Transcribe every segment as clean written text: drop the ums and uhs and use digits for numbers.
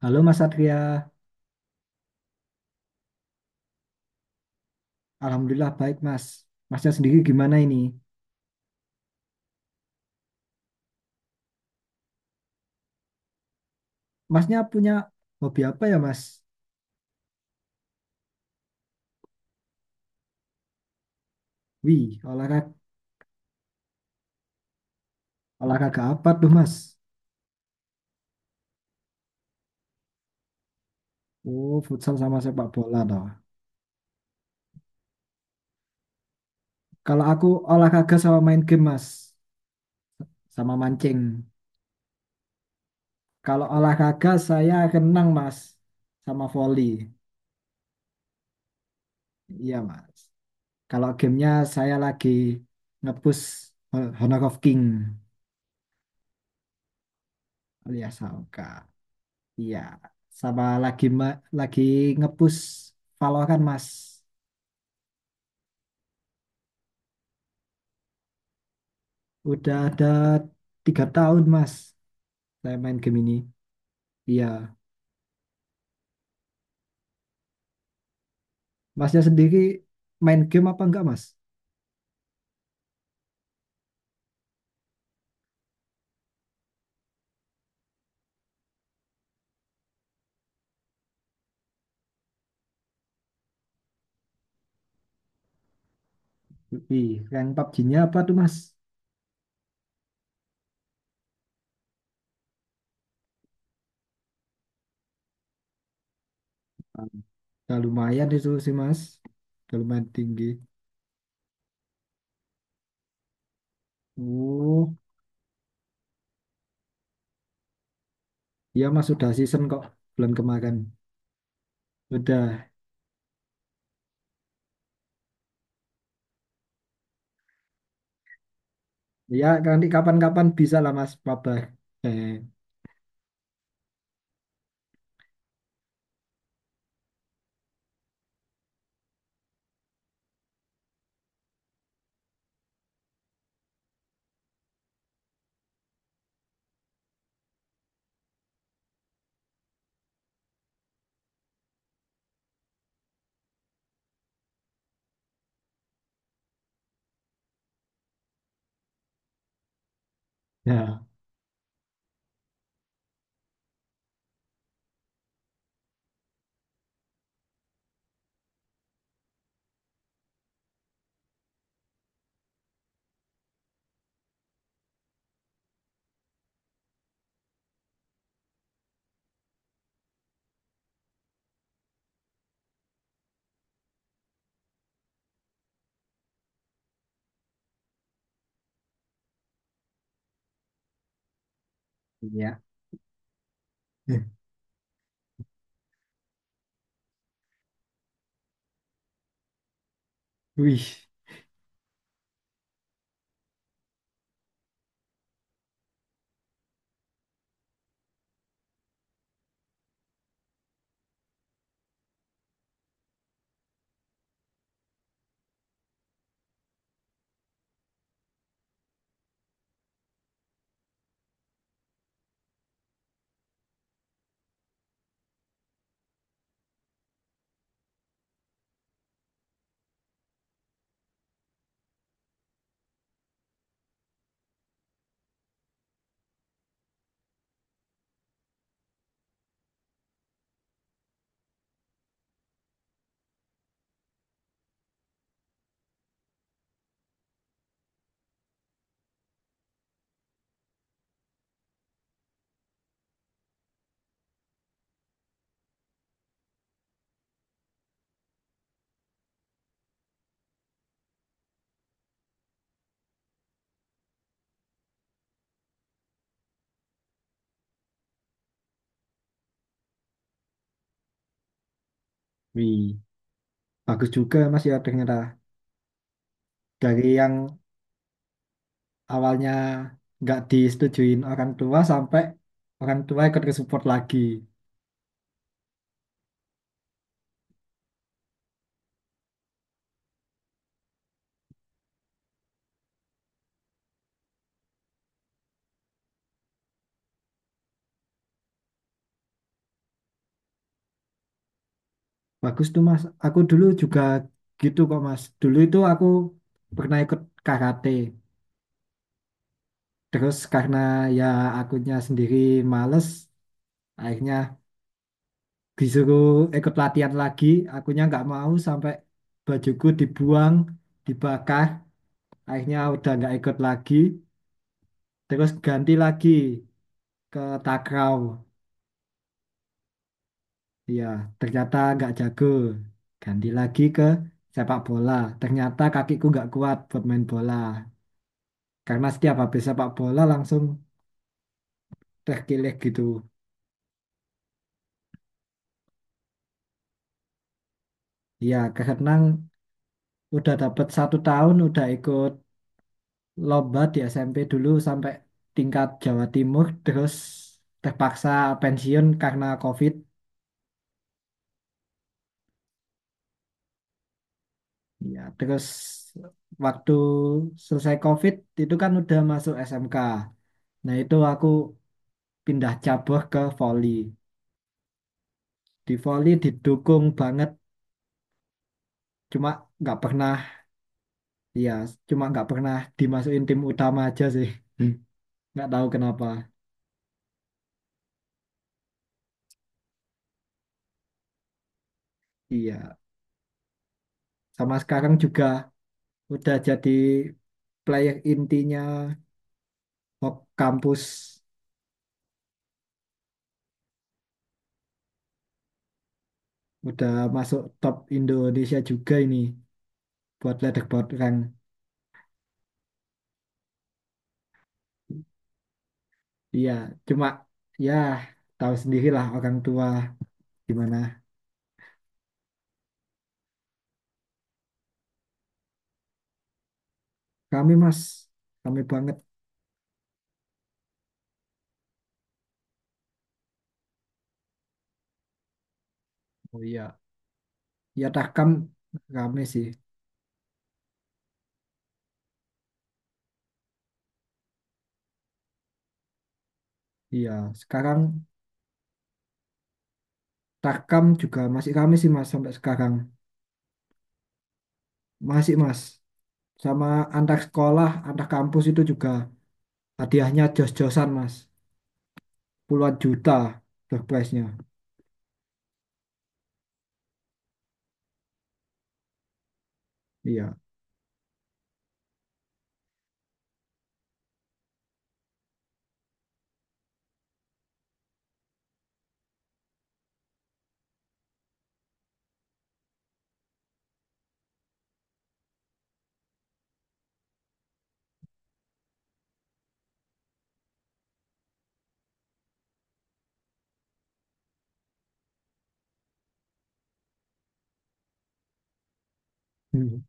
Halo Mas Satria, Alhamdulillah baik Mas. Masnya sendiri gimana ini? Masnya punya hobi apa ya Mas? Wih, olahraga, olahraga apa tuh Mas? Oh, futsal sama sepak bola toh. Kalau aku olahraga sama main game Mas, sama mancing. Kalau olahraga saya renang Mas, sama volley. Iya Mas. Kalau gamenya saya lagi nge-push Honor of King alias Aoka. Iya, sama lagi ngepush Valorant Mas. Udah ada tiga tahun Mas saya main game ini. Iya, Masnya sendiri main game apa enggak Mas? Wih, rank PUBG-nya apa tuh Mas? Ah, Udah lumayan itu sih Mas, udah lumayan tinggi. Oh, iya Mas sudah season kok bulan kemarin. Udah, ya nanti kapan-kapan bisa lah Mas, papa Eh, ya, iya. Wih, wih. Bagus juga Mas ya ternyata dari yang awalnya nggak disetujuin orang tua sampai orang tua ikut ke support lagi. Bagus tuh Mas. Aku dulu juga gitu kok Mas. Dulu itu aku pernah ikut karate. Terus karena ya akunya sendiri males, akhirnya disuruh ikut latihan lagi. Akunya nggak mau sampai bajuku dibuang, dibakar. Akhirnya udah nggak ikut lagi. Terus ganti lagi ke takraw. Iya, ternyata nggak jago. Ganti lagi ke sepak bola. Ternyata kakiku nggak kuat buat main bola. Karena setiap habis sepak bola langsung terkilir gitu. Iya, karena udah dapat satu tahun udah ikut lomba di SMP dulu sampai tingkat Jawa Timur. Terus terpaksa pensiun karena COVID. Iya, terus waktu selesai COVID itu kan udah masuk SMK. Nah itu aku pindah cabur ke volley. Di volley didukung banget, cuma nggak pernah, ya cuma nggak pernah dimasukin tim utama aja sih. Hmm. Nggak tahu kenapa. Iya, sama sekarang juga udah jadi player intinya Hok kampus, udah masuk top Indonesia juga ini buat leaderboard rank. Iya, cuma ya tahu sendirilah orang tua gimana. Kami mas, kami banget. Oh iya, ya Tahkam rame sih. Iya, sekarang Takam juga masih kami sih mas sampai sekarang. Masih mas, sama antar sekolah antar kampus itu juga hadiahnya jos-josan mas, puluhan juta surprise-nya. Iya. Hmm.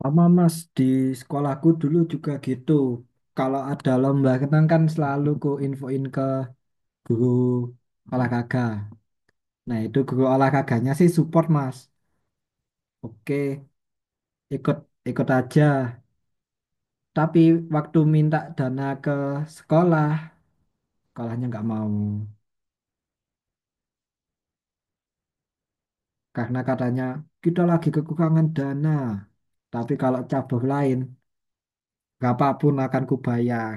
Sama mas, di sekolahku dulu juga gitu. Kalau ada lomba renang kan selalu ku infoin ke guru olahraga, nah itu guru olahraganya sih support mas. Oke, ikut ikut aja, tapi waktu minta dana ke sekolah, sekolahnya nggak mau karena katanya kita lagi kekurangan dana. Tapi kalau cabang lain, berapapun akan kubayar.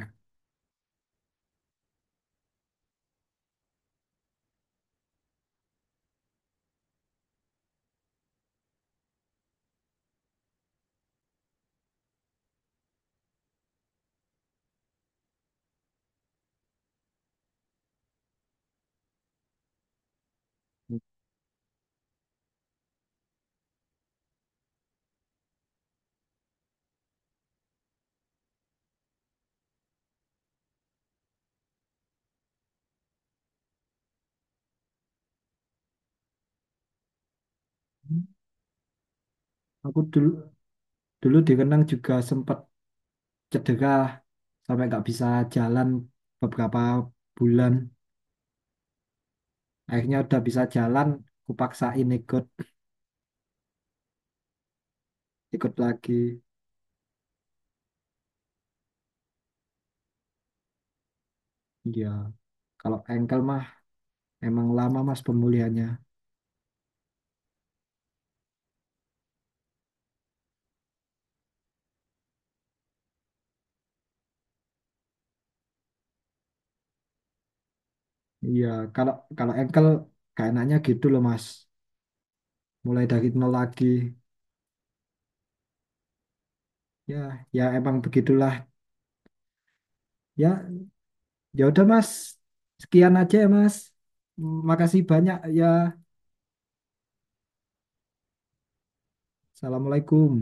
Aku dulu dulu di Renang juga sempat cedera sampai nggak bisa jalan beberapa bulan. Akhirnya udah bisa jalan, kupaksain ikut ikut lagi. Iya, kalau engkel mah emang lama mas pemulihannya. Iya, kalau kalau engkel kayak enaknya gitu loh mas. Mulai dari nol lagi. Ya, ya emang begitulah. Ya, Ya udah Mas, sekian aja ya Mas. Makasih banyak ya. Assalamualaikum.